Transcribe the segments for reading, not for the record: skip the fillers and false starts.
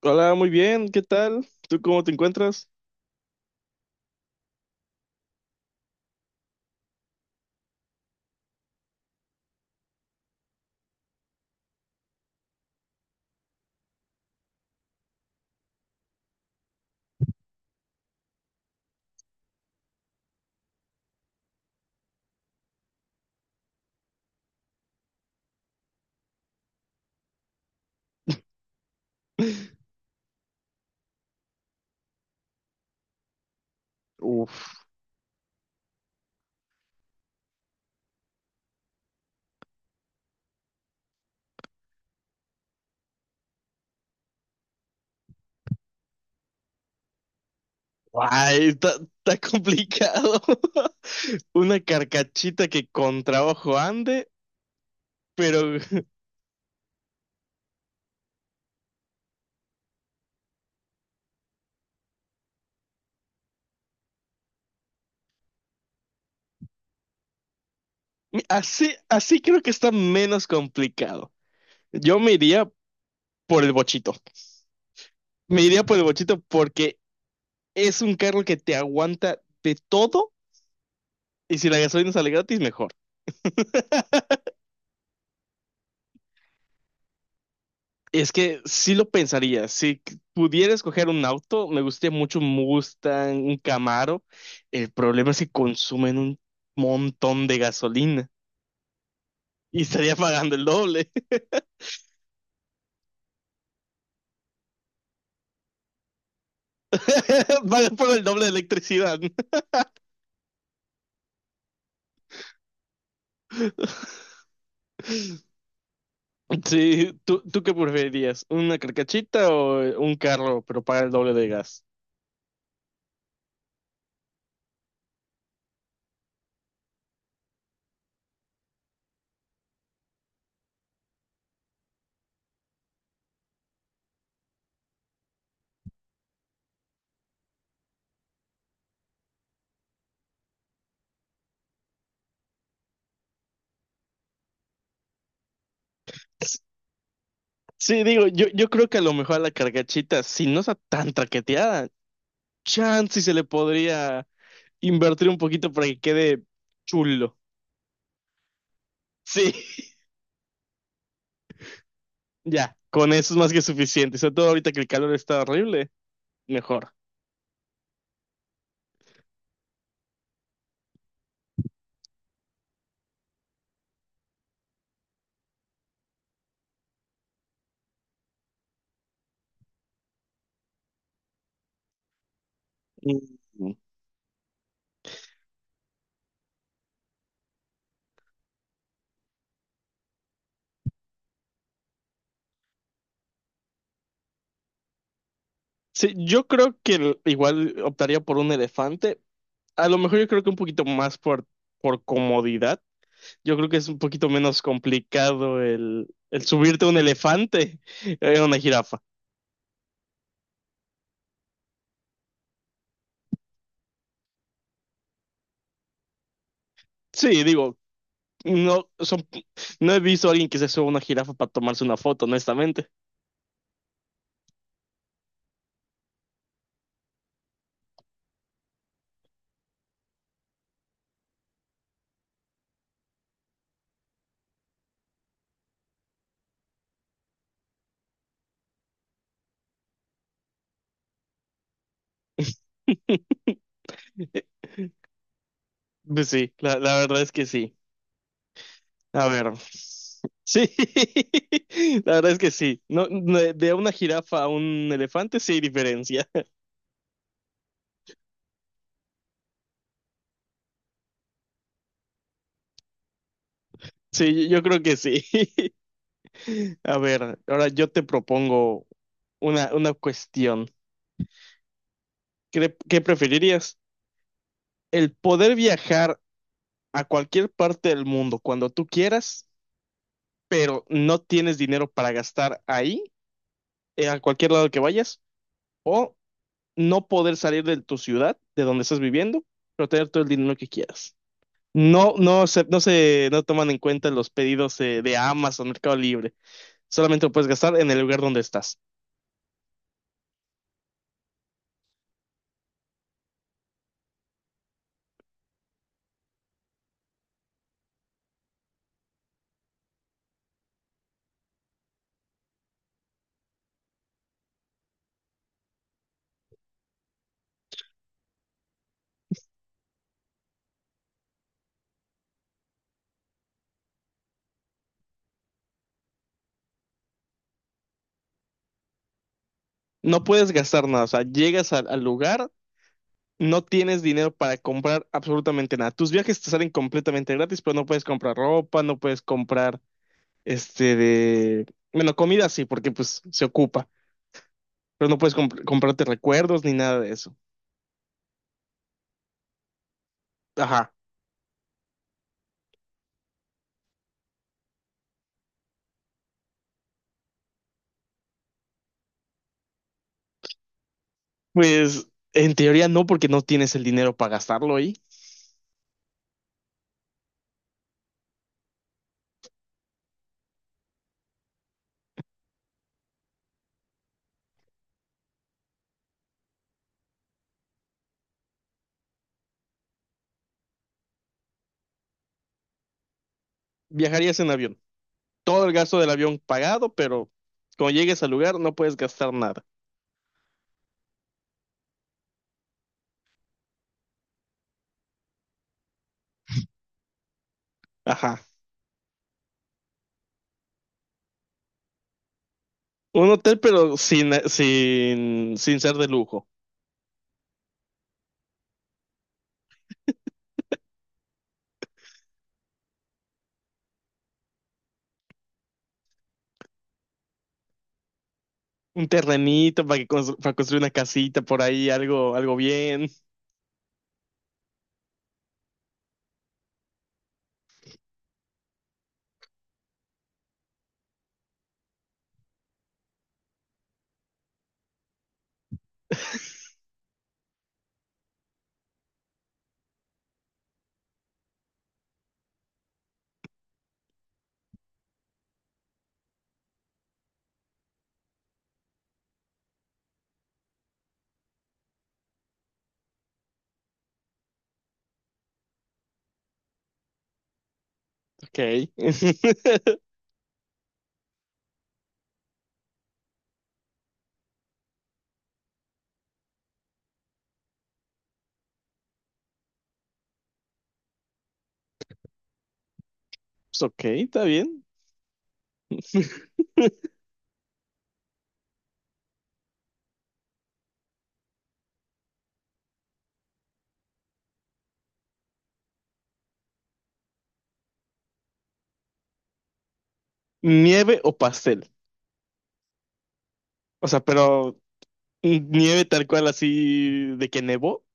Hola, muy bien, ¿qué tal? ¿Tú cómo te encuentras? Uf, está, está complicado. Una carcachita que con trabajo ande, pero así creo que está menos complicado. Yo me iría por el bochito. Me iría por el bochito porque es un carro que te aguanta de todo y si la gasolina sale gratis, mejor. Es que sí lo pensaría. Si pudiera escoger un auto, me gustaría mucho un Mustang, un Camaro. El problema es que consumen un montón de gasolina y estaría pagando el doble. Pagan por el doble de electricidad, ¿no? Sí, ¿tú qué preferirías? ¿Una carcachita o un carro, pero paga el doble de gas? Sí, digo, yo creo que a lo mejor a la carcachita, si no está tan traqueteada, chance y se le podría invertir un poquito para que quede chulo. Sí, ya, con eso es más que suficiente. Sobre todo ahorita que el calor está horrible, mejor. Mm. Sí, yo creo que igual optaría por un elefante. A lo mejor yo creo que un poquito más por comodidad. Yo creo que es un poquito menos complicado el subirte a un elefante, a una jirafa. Sí, digo, no, son, no he visto a alguien que se suba a una jirafa para tomarse una foto, honestamente. Pues sí, la verdad es que sí. A ver. Sí, la verdad es que sí. No, no, de una jirafa a un elefante sí hay diferencia. Sí, yo creo que sí. A ver, ahora yo te propongo una cuestión. ¿Qué preferirías? ¿El poder viajar a cualquier parte del mundo cuando tú quieras, pero no tienes dinero para gastar ahí, a cualquier lado que vayas? ¿O no poder salir de tu ciudad, de donde estás viviendo, pero tener todo el dinero que quieras? No, no toman en cuenta los pedidos Amazon, Mercado Libre. Solamente lo puedes gastar en el lugar donde estás. No puedes gastar nada. O sea, llegas al lugar, no tienes dinero para comprar absolutamente nada. Tus viajes te salen completamente gratis, pero no puedes comprar ropa, no puedes comprar este de, bueno, comida sí, porque pues se ocupa, pero no puedes comprarte recuerdos ni nada de eso. Ajá. Pues en teoría no, porque no tienes el dinero para gastarlo ahí. Viajarías en avión. Todo el gasto del avión pagado, pero cuando llegues al lugar no puedes gastar nada. Ajá. Un hotel, pero sin ser de lujo. Un terrenito para, que para construir una casita por ahí, algo, algo bien. Ok. Pues ok, está bien. ¿Nieve o pastel? O sea, pero mm, nieve tal cual así de que nevó.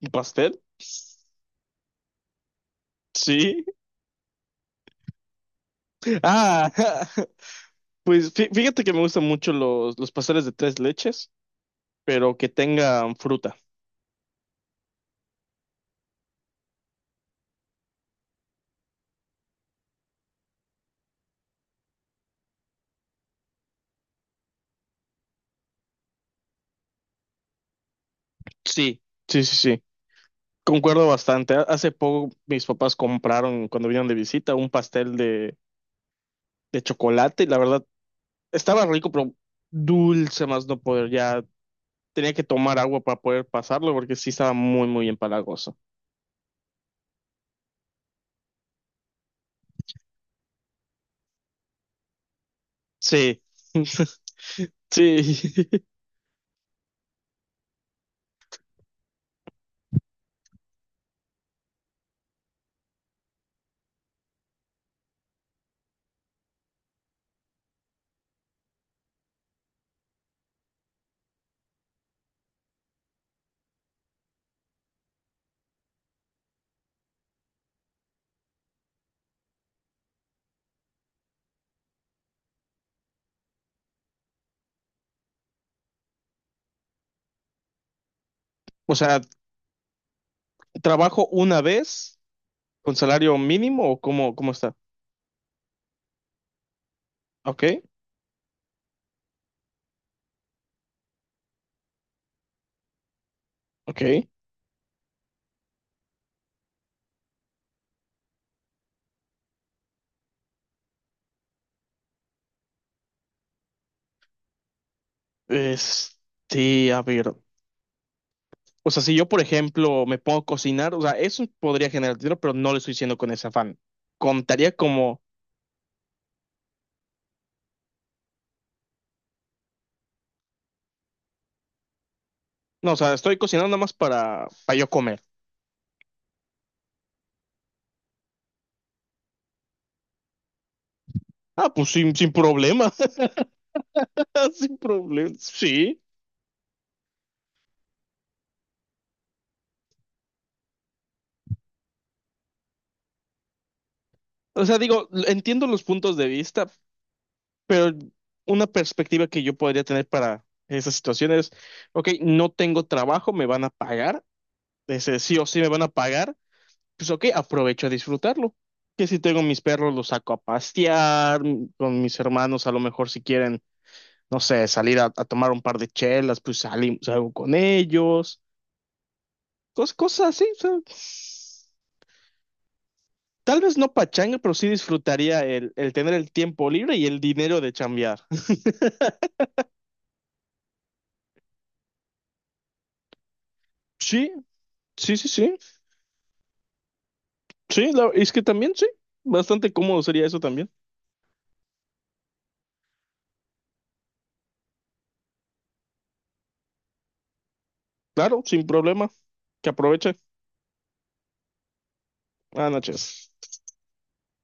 ¿Un pastel? Sí. Ah, pues fíjate que me gustan mucho los pasteles de tres leches, pero que tengan fruta. Sí, sí, sí, sí. Concuerdo bastante. Hace poco mis papás compraron, cuando vinieron de visita, un pastel de chocolate y la verdad estaba rico, pero dulce más no poder. Ya tenía que tomar agua para poder pasarlo porque sí estaba muy empalagoso. Sí, sí. O sea, ¿trabajo una vez con salario mínimo o cómo está? Ok, ok. Es, sí, a ver. O sea, si yo, por ejemplo, me pongo a cocinar, o sea, eso podría generar dinero, pero no lo estoy haciendo con ese afán. Contaría como, no, o sea, estoy cocinando nada más para yo comer. Ah, pues sin problema, sin problema, sí. O sea, digo, entiendo los puntos de vista, pero una perspectiva que yo podría tener para esas situaciones, ok, no tengo trabajo, me van a pagar, ese sí o sí me van a pagar pues ok, aprovecho a disfrutarlo. Que si tengo mis perros, los saco a pastear, con mis hermanos a lo mejor si quieren, no sé, salir a tomar un par de chelas, pues salimos, salgo con ellos, cosas así. O sea, tal vez no pachanga, pero sí disfrutaría el tener el tiempo libre y el dinero de chambear. Sí, sí, sí, sí, sí, la- es que también sí, bastante cómodo sería eso también. Claro, sin problema. Que aproveche. Buenas noches.